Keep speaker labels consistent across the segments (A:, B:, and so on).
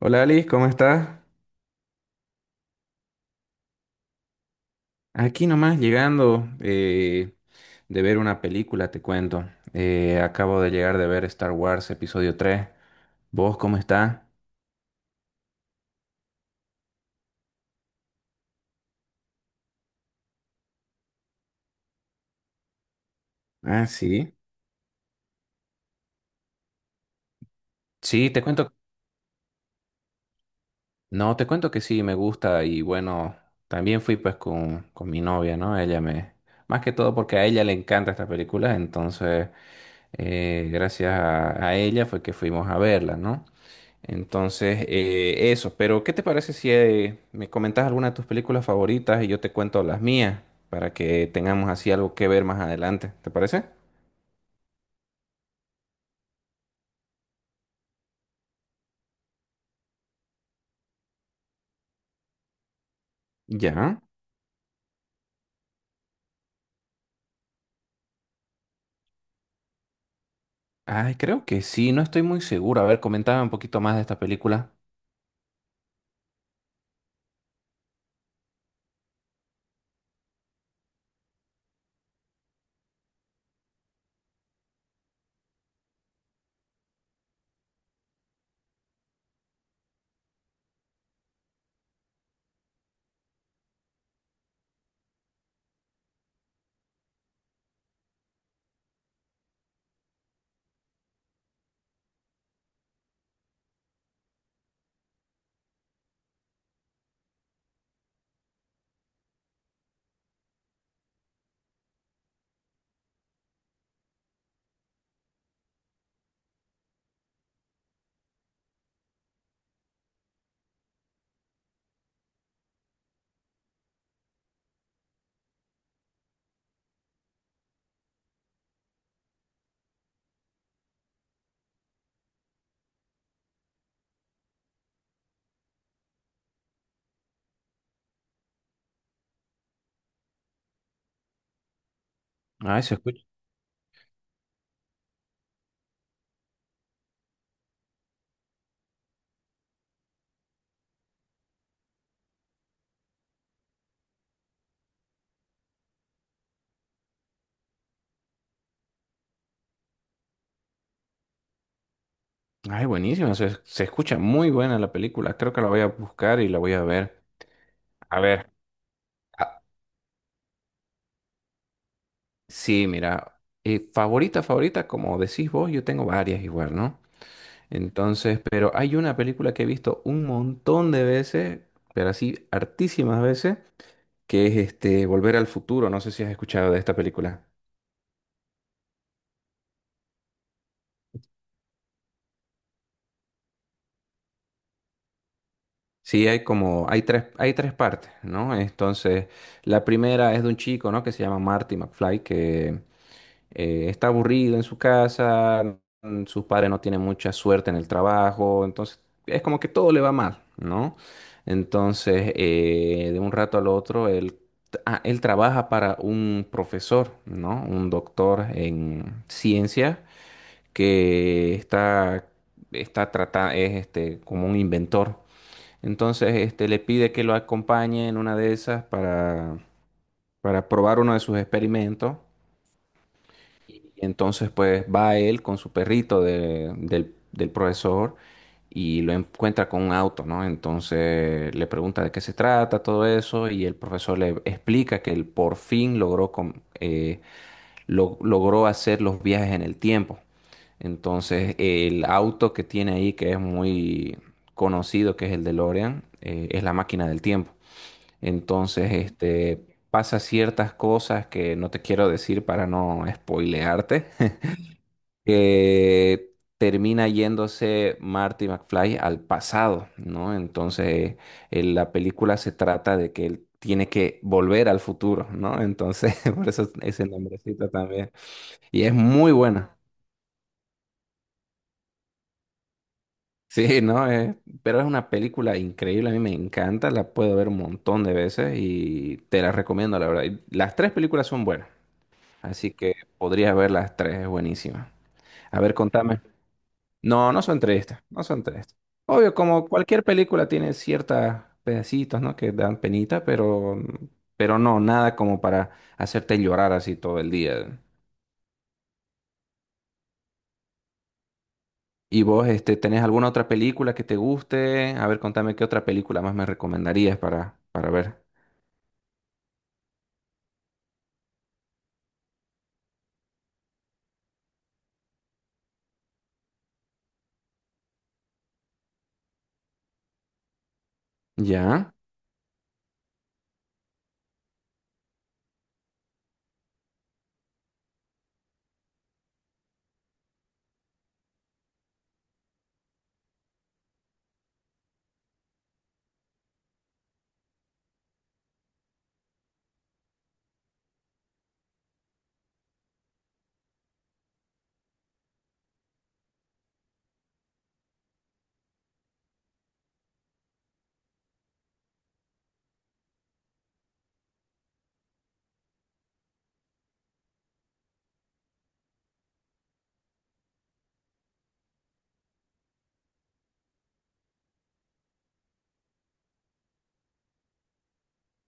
A: Hola Alice, ¿cómo estás? Aquí nomás llegando de ver una película, te cuento. Acabo de llegar de ver Star Wars Episodio 3. ¿Vos cómo estás? Ah, sí. Sí, te cuento. No, te cuento que sí, me gusta y bueno, también fui pues con mi novia, ¿no? Ella me... Más que todo porque a ella le encanta esta película, entonces gracias a ella fue que fuimos a verla, ¿no? Entonces, eso. Pero, ¿qué te parece si me comentas alguna de tus películas favoritas y yo te cuento las mías para que tengamos así algo que ver más adelante? ¿Te parece? Ya. Ay, creo que sí, no estoy muy seguro. A ver, comentaba un poquito más de esta película. Ay, se escucha. Ay, buenísimo. Se escucha muy buena la película. Creo que la voy a buscar y la voy a ver. A ver. ah, sí, mira. Favorita, favorita, como decís vos, yo tengo varias igual, ¿no? Entonces, pero hay una película que he visto un montón de veces, pero así hartísimas veces, que es este Volver al Futuro. No sé si has escuchado de esta película. Sí, hay como, hay tres partes, ¿no? Entonces, la primera es de un chico, ¿no? Que se llama Marty McFly, que está aburrido en su casa, sus padres no tienen mucha suerte en el trabajo, entonces es como que todo le va mal, ¿no? Entonces, de un rato al otro, él trabaja para un profesor, ¿no? Un doctor en ciencias que es este, como un inventor. Entonces, este, le pide que lo acompañe en una de esas para probar uno de sus experimentos. Y entonces pues va él con su perrito del profesor y lo encuentra con un auto, ¿no? Entonces le pregunta de qué se trata, todo eso, y el profesor le explica que él por fin eh, logró hacer los viajes en el tiempo. Entonces, el auto que tiene ahí, que es muy conocido, que es el DeLorean, es la máquina del tiempo. Entonces, este, pasa ciertas cosas que no te quiero decir para no spoilearte, que termina yéndose Marty McFly al pasado, ¿no? Entonces, la película se trata de que él tiene que volver al futuro, ¿no? Entonces, por eso ese nombrecito también. Y es muy buena. Sí, ¿no? Pero es una película increíble, a mí me encanta, la puedo ver un montón de veces y te la recomiendo, la verdad. Y Las tres películas son buenas, así que podrías ver las tres, es buenísima. A ver, contame. No, no son tres estas, no son tres. Obvio, como cualquier película tiene ciertos pedacitos, ¿no? Que dan penita, pero no, nada como para hacerte llorar así todo el día. ¿Y vos, este, tenés alguna otra película que te guste? A ver, contame qué otra película más me recomendarías para ver. ¿Ya?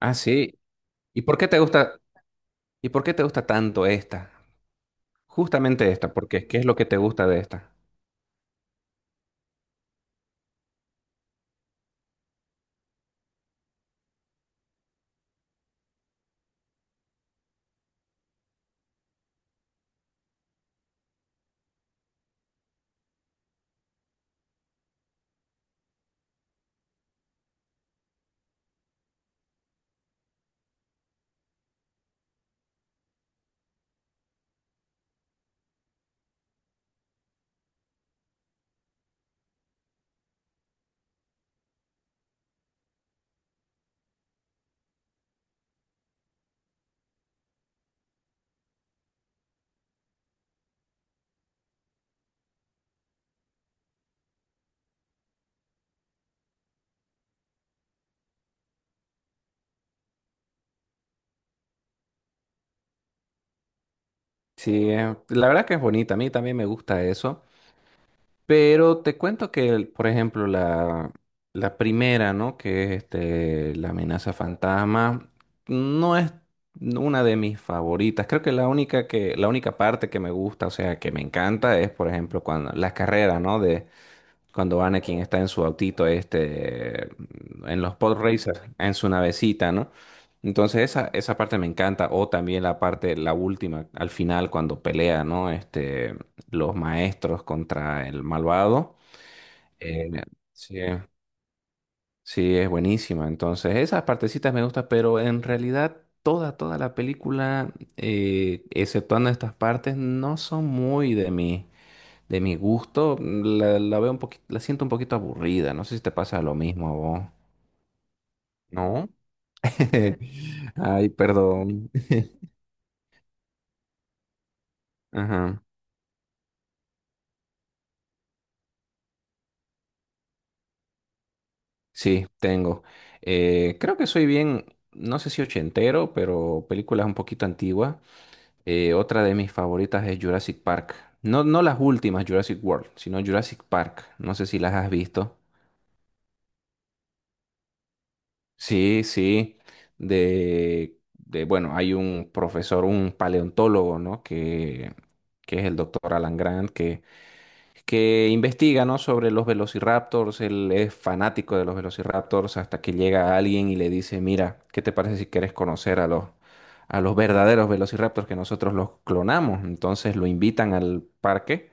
A: Ah, sí. ¿Y por qué te gusta, y por qué te gusta tanto esta? Justamente esta, porque ¿qué es lo que te gusta de esta? Sí, la verdad que es bonita, a mí también me gusta eso. Pero te cuento que, por ejemplo, la primera, ¿no? Que es este, la amenaza fantasma, no es una de mis favoritas. Creo que, la única parte que me gusta, o sea, que me encanta es, por ejemplo, cuando las carreras, ¿no? Cuando Anakin está en su autito, este, en los pod racers, en su navecita, ¿no? Entonces esa parte me encanta. O también la parte, la última, al final, cuando pelea, ¿no? Este, los maestros contra el malvado. Eh, sí, sí, es buenísima. Entonces esas partecitas me gustan, pero en realidad toda la película, exceptuando estas partes, no son muy de mí. De mi gusto, la veo un poquito, la siento un poquito aburrida. No sé si te pasa lo mismo a vos. ¿No? Ay, perdón. Ajá. Sí, tengo. Creo que soy bien, no sé si ochentero, pero películas un poquito antiguas. Otra de mis favoritas es Jurassic Park. No, no las últimas Jurassic World, sino Jurassic Park. No sé si las has visto. Sí, sí, bueno, hay un profesor, un paleontólogo, ¿no? Que es el doctor Alan Grant, que investiga, ¿no? Sobre los velociraptors, él es fanático de los velociraptors hasta que llega alguien y le dice, mira, ¿qué te parece si quieres conocer a a los verdaderos velociraptors que nosotros los clonamos? Entonces lo invitan al parque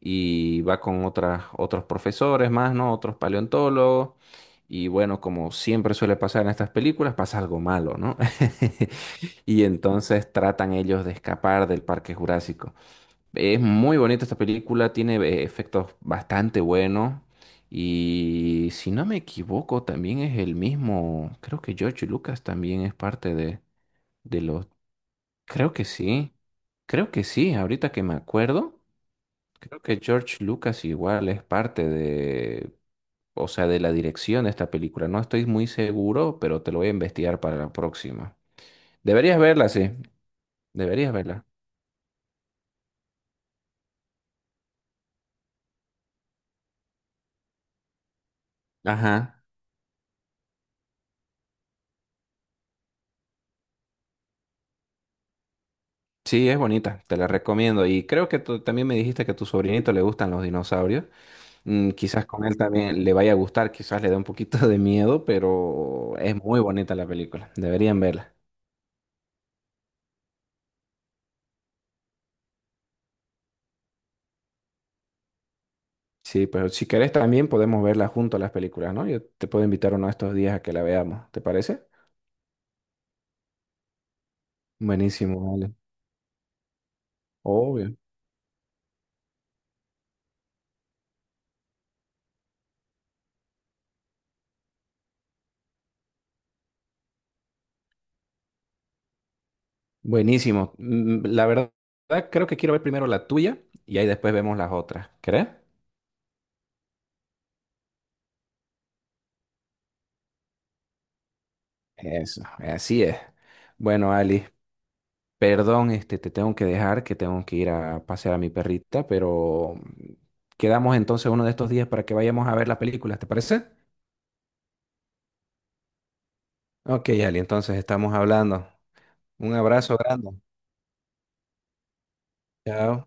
A: y va con otras, otros profesores más, ¿no? Otros paleontólogos. Y bueno, como siempre suele pasar en estas películas, pasa algo malo, ¿no? Y entonces tratan ellos de escapar del Parque Jurásico. Es muy bonita esta película, tiene efectos bastante buenos. Y si no me equivoco, también es el mismo, creo que George Lucas también es parte de los, creo que sí, creo que sí, ahorita que me acuerdo. Creo que George Lucas igual es parte de, o sea, de la dirección de esta película. No estoy muy seguro, pero te lo voy a investigar para la próxima. Deberías verla, sí. Deberías verla. Ajá. Sí, es bonita. Te la recomiendo. Y creo que tú también me dijiste que a tu sobrinito le gustan los dinosaurios. Mm, quizás con él también le vaya a gustar, quizás le dé un poquito de miedo, pero es muy bonita la película. Deberían verla. Sí, pero si querés también podemos verla junto a las películas, ¿no? Yo te puedo invitar uno de estos días a que la veamos. ¿Te parece? Buenísimo, vale. Obvio. Buenísimo. Mm, La verdad, creo que quiero ver primero la tuya y ahí después vemos las otras. ¿Crees? Eso, así es. Bueno, Ali, perdón, este, te tengo que dejar, que tengo que ir a pasear a mi perrita, pero quedamos entonces uno de estos días para que vayamos a ver la película, ¿te parece? Ok, Ali, entonces estamos hablando. Un abrazo grande. Chao.